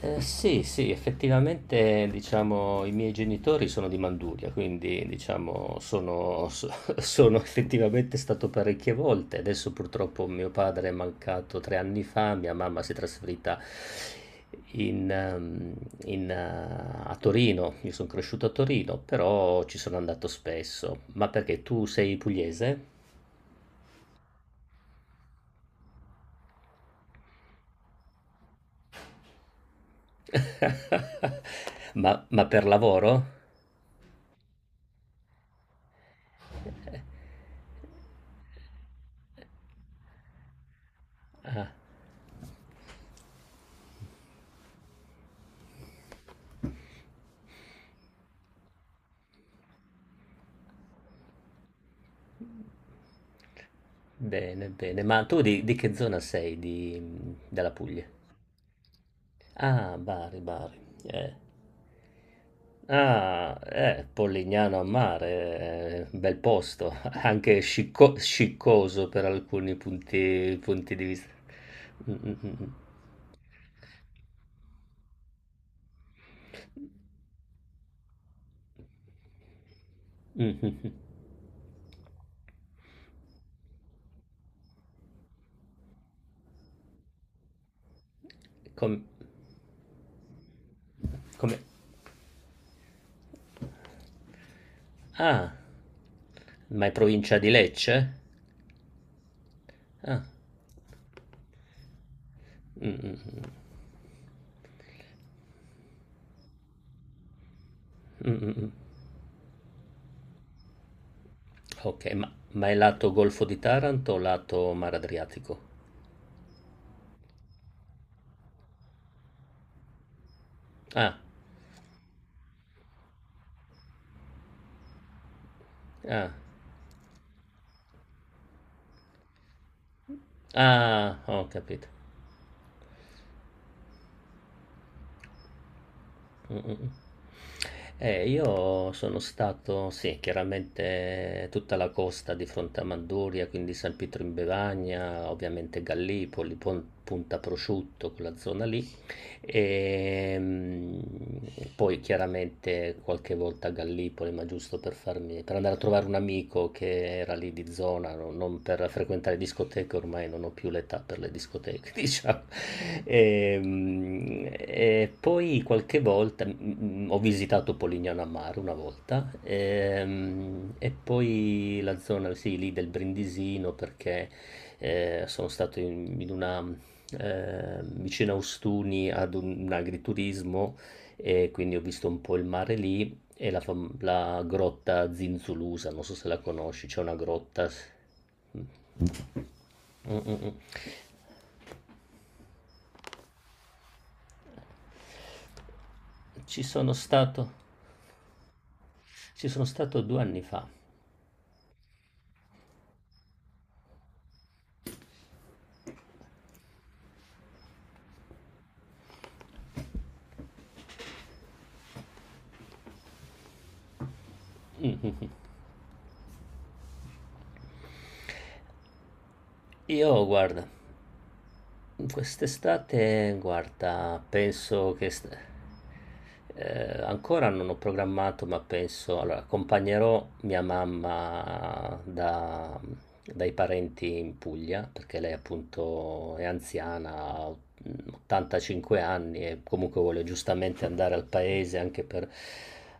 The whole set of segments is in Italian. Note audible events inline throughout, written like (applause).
Sì, sì, effettivamente diciamo i miei genitori sono di Manduria, quindi diciamo sono so (laughs) sono effettivamente stato parecchie volte. Adesso purtroppo mio padre è mancato 3 anni fa, mia mamma si è trasferita in mhmm, in a Torino. Io son cresciuto a Torino, però ci sono andato spesso. Ma perché tu sei pugliese? (laughs) Ma per lavoro? Bene, bene. Ma tu di che zona sei della Puglia? Ah, Bari, Bari. Eh. Ah, Polignano a mare, bel posto, (laughs) anche sciccoso per alcuni punti, punti di vista. Mm, mm, mm, mm. (laughs) Mm, mm, mm. Com- Come? Ah, ma è provincia di Lecce? Ah, mm, mm, mm. Mm, mm, mm. Ok, ma è lato Golfo di Taranto o lato Mar Adriatico? Ah. Ah, ah, ho capito. Mh-mh-mh. Io sono stato, sì, chiaramente tutta la costa di fronte a Manduria, quindi San Pietro in Bevagna, ovviamente Gallipoli, Punta Prosciutto, quella zona lì. E poi chiaramente qualche volta a Gallipoli, ma per andare a trovare un amico che era lì di zona, non per frequentare discoteche, ormai non ho più l'età per le discoteche, (laughs) diciamo. E poi qualche volta ho visitato Polignano a Mare una volta, e poi la zona, sì, lì del Brindisino perché sono stato in una vicino a Ostuni ad un agriturismo e quindi ho visto un po' il mare lì e la grotta Zinzulusa, non so se la conosci, c'è una grotta. Mm, mm, mm, mm. Ci sono stato, ci sono stato due anni fa. Io, guarda. Quest'estate, guarda, ancora non ho programmato, ma penso, allora, accompagnerò mia mamma dai parenti in Puglia, perché lei appunto è anziana, ha 85 anni e comunque vuole giustamente andare al paese anche per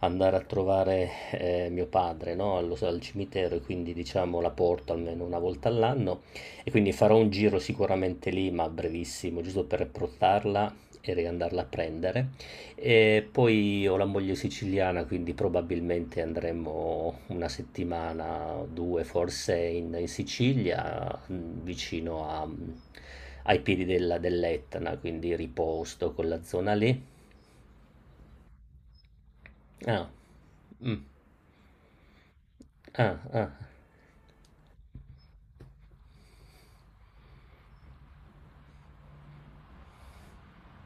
andare a trovare mio padre, no? Al cimitero e quindi diciamo la porto almeno una volta all'anno. E quindi farò un giro sicuramente lì, ma brevissimo, giusto per approcciarla e riandarla a prendere. E poi ho la moglie siciliana, quindi probabilmente andremo una settimana, due forse in Sicilia, ai piedi dell'Etna, quindi riposto con la zona lì. Ah, mm, ah, ah,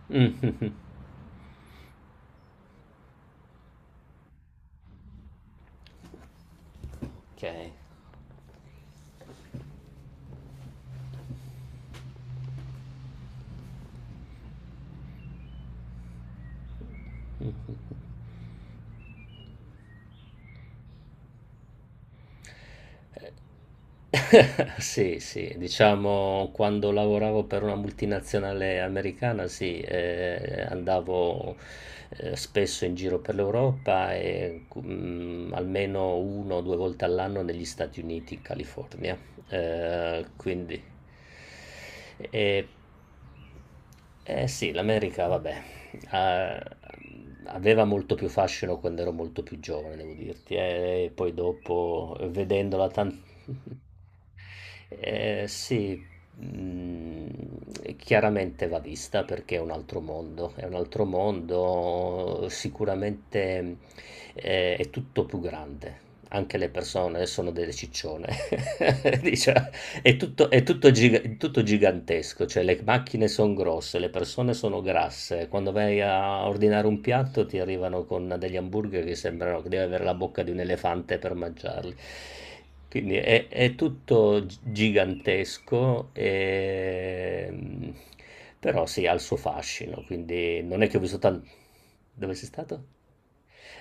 mhm, ok. (laughs) Sì, sì, diciamo quando lavoravo per una multinazionale americana, sì, andavo spesso in giro per l'Europa e almeno uno o due volte all'anno negli Stati Uniti, in California. Eh, quindi, e- eh sì, l'America, vabbè, eh, aveva molto più fascino quando ero molto più giovane, devo dirti, e poi dopo, vedendola tanto. Sì, mm, chiaramente va vista perché è un altro mondo, è un altro mondo, sicuramente è tutto più grande. Anche le persone sono delle ciccione, (laughs) diciamo, è tutto gigantesco, cioè le macchine sono grosse, le persone sono grasse. Quando vai a ordinare un piatto ti arrivano con degli hamburger che sembrano che devi avere la bocca di un elefante per mangiarli. Quindi gigantesco, però sì, ha il suo fascino. Quindi non è che ho visto tanto. Dove sei stato?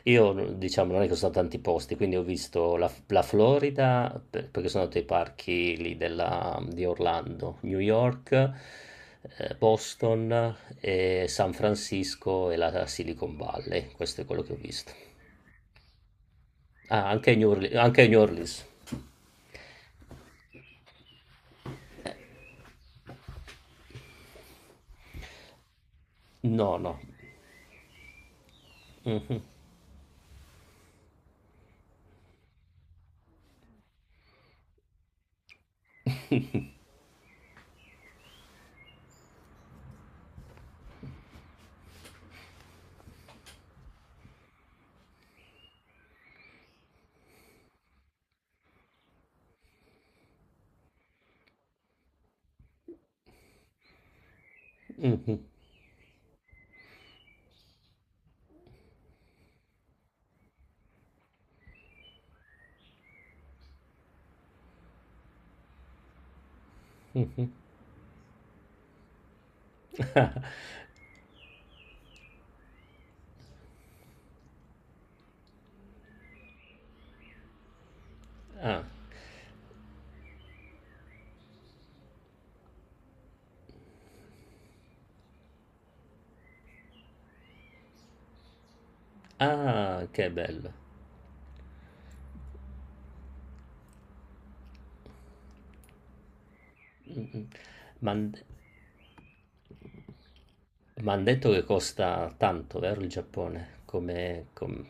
Io, diciamo, non è che sono stato tanti posti, quindi ho visto la Florida, perché sono andato ai parchi lì di Orlando, New York, Boston, e San Francisco e la Silicon Valley. Questo è quello che ho visto. Ah, anche New Orleans. Anche New Orleans. No, no. Mhm. Ah. Ah, che bello. Mhm. Ma hanno detto che costa tanto, vero, il Giappone? Come,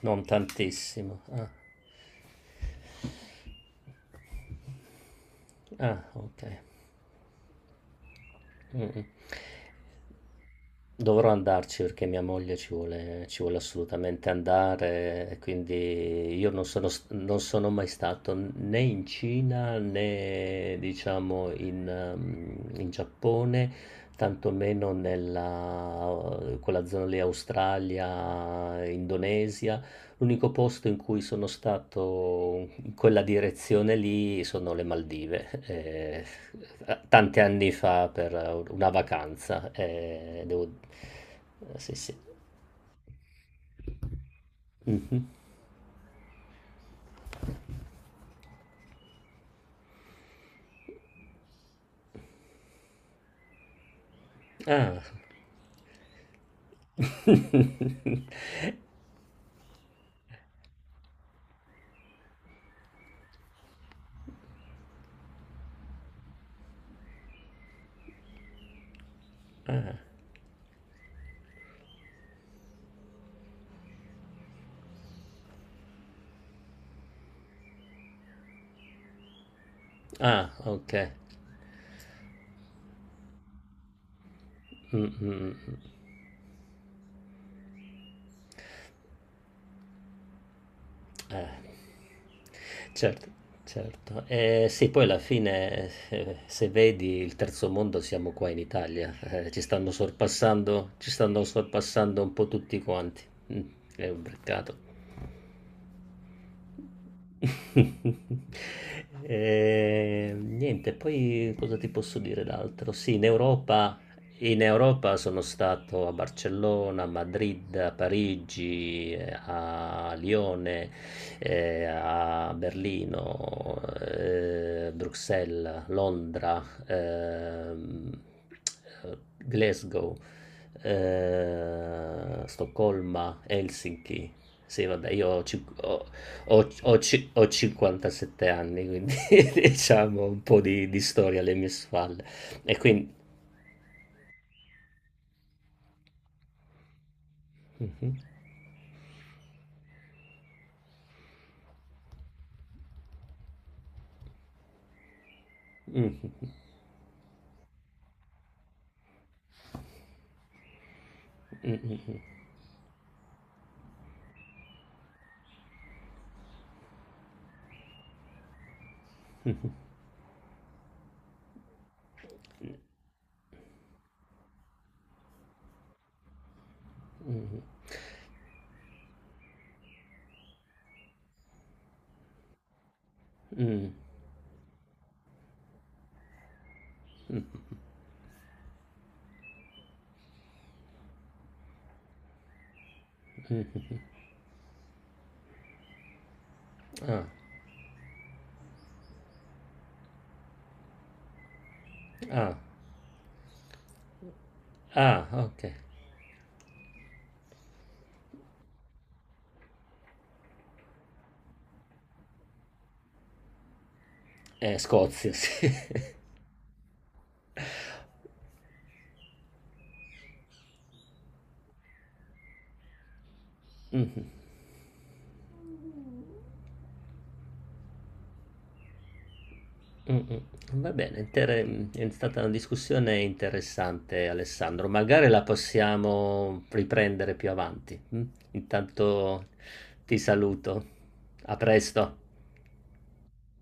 Non tantissimo. Ah. Ah, okay. Mh-mh. Dovrò andarci perché mia moglie ci vuole assolutamente andare e quindi io non sono s non sono mai stato né in Cina né diciamo in Giappone, tantomeno nella quella zona lì, Australia, Indonesia. L'unico posto in cui sono stato in quella direzione lì sono le Maldive, a tanti anni fa per una vacanza, devo sì, sì. Mh-mh. Ah. (laughs) Ah, ah, okay. Mh, mh, mh, mh. Eh. Certo, certo. Sì, poi alla fine, se vedi il terzo mondo, siamo qua in Italia. Ci stanno sorpassando un po' tutti quanti. Mm, è un peccato. (laughs) Niente, poi cosa ti posso dire d'altro? Sì, in Europa sono stato a Barcellona, a Madrid, a Parigi, a Lione, a Berlino, Bruxelles, Londra, Glasgow, Stoccolma, Helsinki. Sì, vabbè, io ho, cin- ho- ho, ho ci- ho 57 anni, quindi (laughs) diciamo un po' di storia alle mie spalle. E quindi... Mhm. Mhm. Mhm. Mhm. Mhm. Mhm. Mhm. Ah, ah, ah, ok. Scozia, sì. (laughs) Mhm. Mh-mh. Va bene, è stata una discussione interessante Alessandro, magari la possiamo riprendere più avanti, mh? Intanto ti saluto. A presto.